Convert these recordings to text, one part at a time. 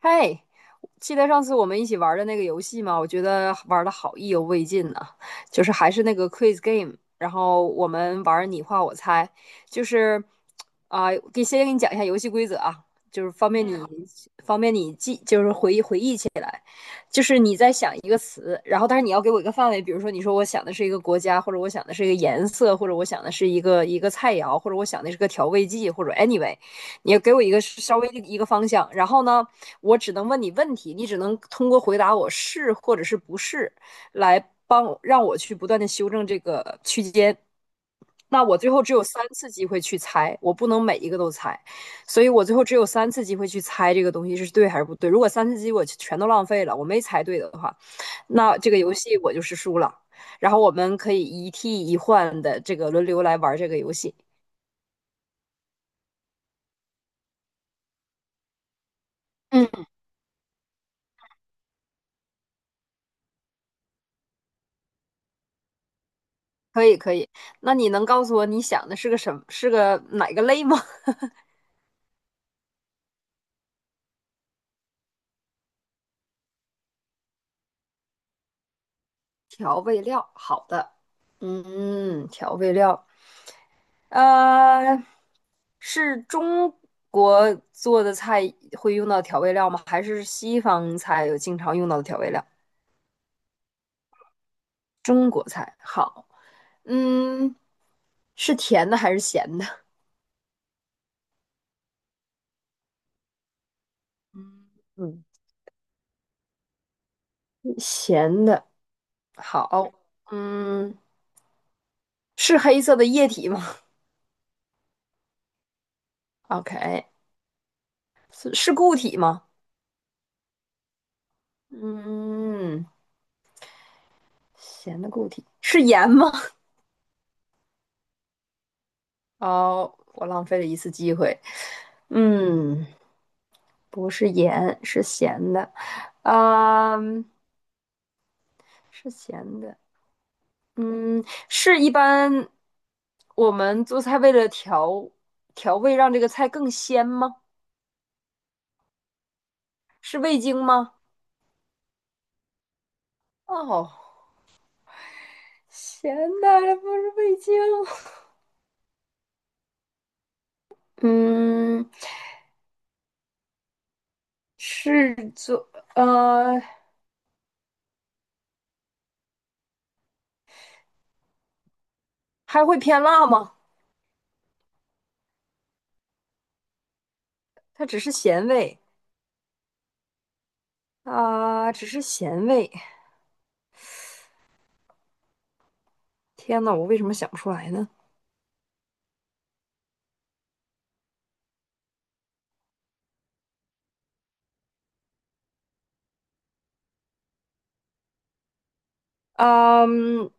嗨，记得上次我们一起玩的那个游戏吗？我觉得玩的好意犹未尽呢、就是还是那个 quiz game，然后我们玩你画我猜，就是啊，给、先给你讲一下游戏规则啊，就是方便你方便你记，就是回忆起。就是你在想一个词，然后但是你要给我一个范围，比如说你说我想的是一个国家，或者我想的是一个颜色，或者我想的是一个菜肴，或者我想的是个调味剂，或者 anyway，你要给我一个稍微的一个方向，然后呢，我只能问你问题，你只能通过回答我是或者是不是来帮我让我去不断的修正这个区间。那我最后只有三次机会去猜，我不能每一个都猜。所以我最后只有三次机会去猜这个东西是对还是不对。如果三次机会我全都浪费了，我没猜对的话，那这个游戏我就是输了。然后我们可以一替一换的这个轮流来玩这个游戏。嗯，可以可以。那你能告诉我你想的是个什么？是个哪个类吗？调味料，好的。嗯，调味料，呃，是中国做的菜会用到调味料吗？还是西方菜有经常用到的调味料？中国菜，好，嗯，是甜的还是咸的？嗯，咸的，好，嗯，是黑色的液体吗？OK，是固体吗？嗯，咸的固体是盐吗？哦，我浪费了一次机会。嗯，不是盐，是咸的，嗯，是咸的。嗯，是一般我们做菜为了调味，让这个菜更鲜吗？是味精吗？哦，咸的不是味精。嗯，是做呃，还会偏辣吗？它只是咸味啊，只是咸味。天呐，我为什么想不出来呢？啊嗯，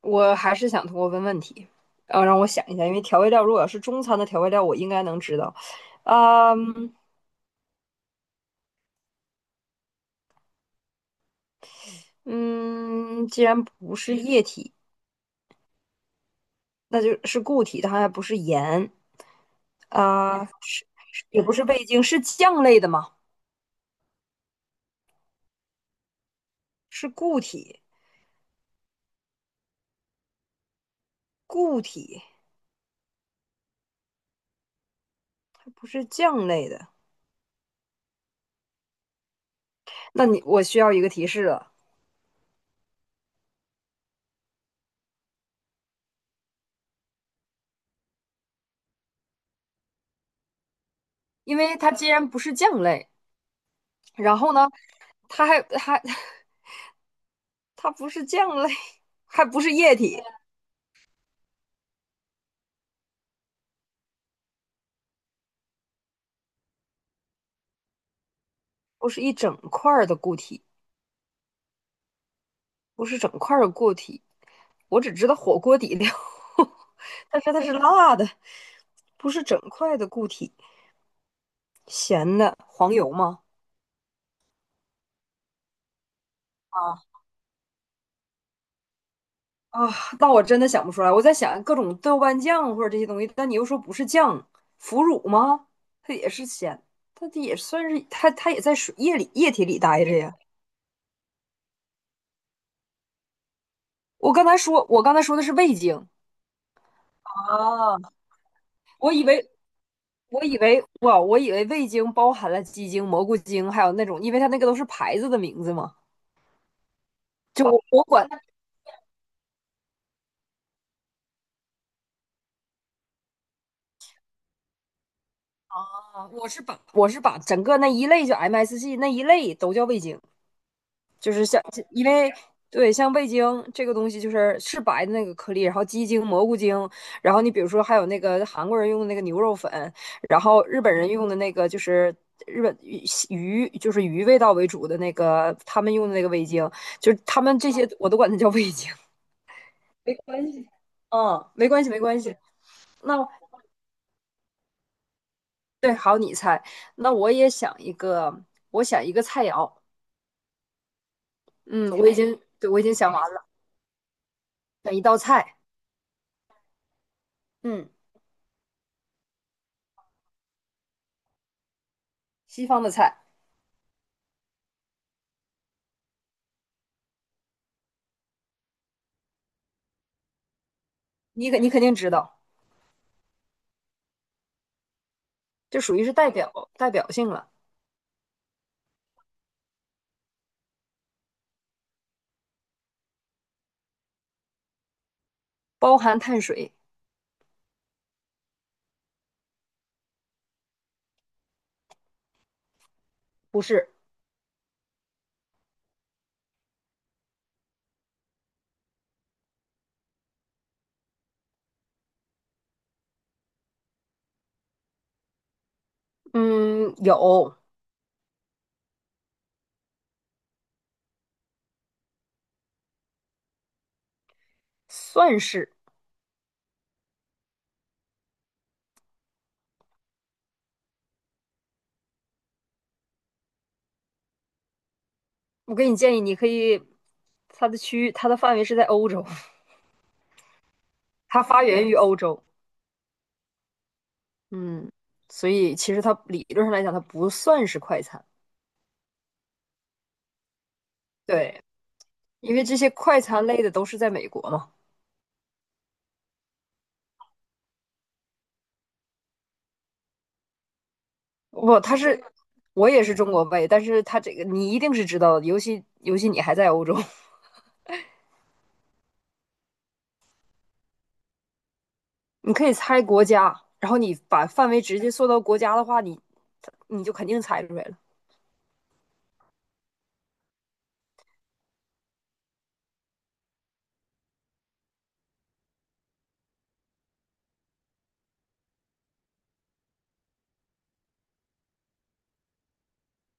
我还是想通过问问题，啊，让我想一下，因为调味料如果要是中餐的调味料，我应该能知道。啊嗯。嗯，既然不是液体，那就是固体，它还不是盐啊，是也不是味精，是酱类的吗？是固体，固体，它不是酱类的。那你我需要一个提示了，因为它既然不是酱类，然后呢，它还 它不是酱类，还不是液体，不是一整块儿的固体，不是整块儿的固体，我只知道火锅底料，但是它是辣的，不是整块的固体，咸的黄油吗？啊啊，那我真的想不出来。我在想各种豆瓣酱或者这些东西，但你又说不是酱，腐乳吗？它也是咸，它也算是它也在水液里液体里待着呀。我刚才说的是味精啊，我以为我以为味精包含了鸡精、蘑菇精，还有那种，因为它那个都是牌子的名字嘛。就我我管啊，我是把整个那一类就 MSG 那一类都叫味精，就是像因为对像味精这个东西是白的那个颗粒，然后鸡精、蘑菇精，然后你比如说还有那个韩国人用的那个牛肉粉，然后日本人用的那个就是日本鱼鱼味道为主的那个他们用的那个味精，就是他们这些我都管它叫味精，没关系，嗯，没关系。那对，好，你猜，那我也想一个，我想一个菜肴。嗯，我已经想完了，选一道菜，嗯，西方的菜，你肯定知道，就属于是代表性了，包含碳水，不是，嗯，有，算是，我给你建议，你可以，它的区域，它的范围是在欧洲，它发源于欧洲，嗯，所以其实它理论上来讲，它不算是快餐，对，因为这些快餐类的都是在美国嘛。不，他是我也是中国胃，但是他这个你一定是知道的，尤其你还在欧洲，你可以猜国家，然后你把范围直接缩到国家的话，你就肯定猜出来了，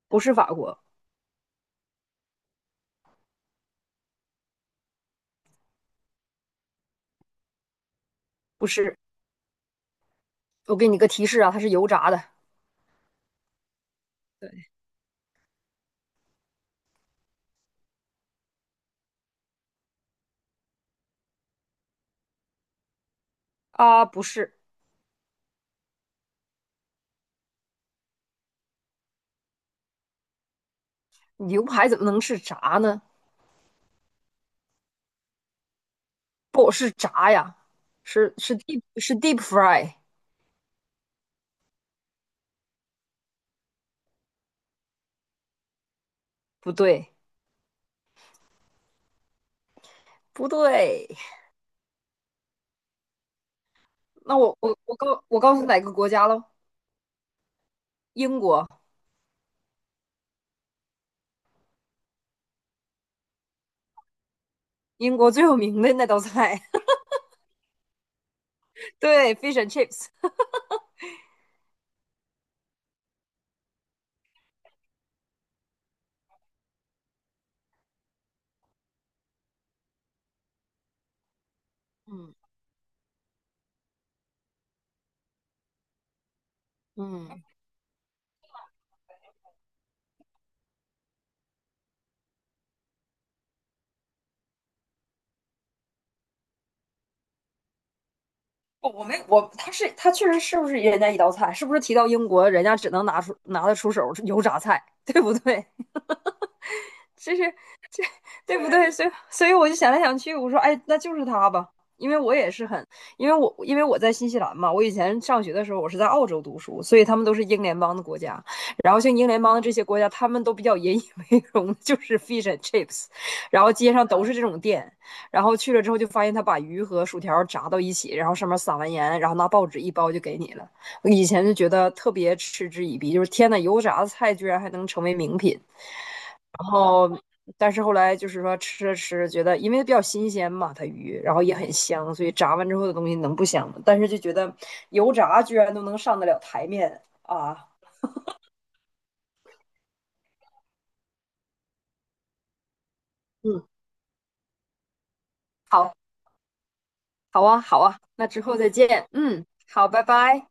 不是法国，不是。我给你个提示啊，它是油炸的。对啊，不是牛排怎么能是炸呢？不是炸呀，是 deep fry，不对不对。那我告诉你哪个国家喽？英国，英国最有名的那道菜，对，fish and chips。嗯嗯，我我没我，他确实是不是人家一道菜？是不是提到英国，人家只能拿得出手油炸菜，对不对？这是对不对？所以，所以我就想来想去，我说，哎，那就是他吧，因为我也是很，因为我在新西兰嘛，我以前上学的时候，我是在澳洲读书，所以他们都是英联邦的国家，然后像英联邦的这些国家，他们都比较引以为荣，就是 fish and chips，然后街上都是这种店，然后去了之后就发现他把鱼和薯条炸到一起，然后上面撒完盐，然后拿报纸一包就给你了。我以前就觉得特别嗤之以鼻，就是天呐，油炸的菜居然还能成为名品。然后，但是后来就是说吃着吃着觉得，因为比较新鲜嘛，它鱼，然后也很香，所以炸完之后的东西能不香吗？但是就觉得油炸居然都能上得了台面啊！嗯，好，好啊，好啊，那之后再见。嗯，好，拜拜。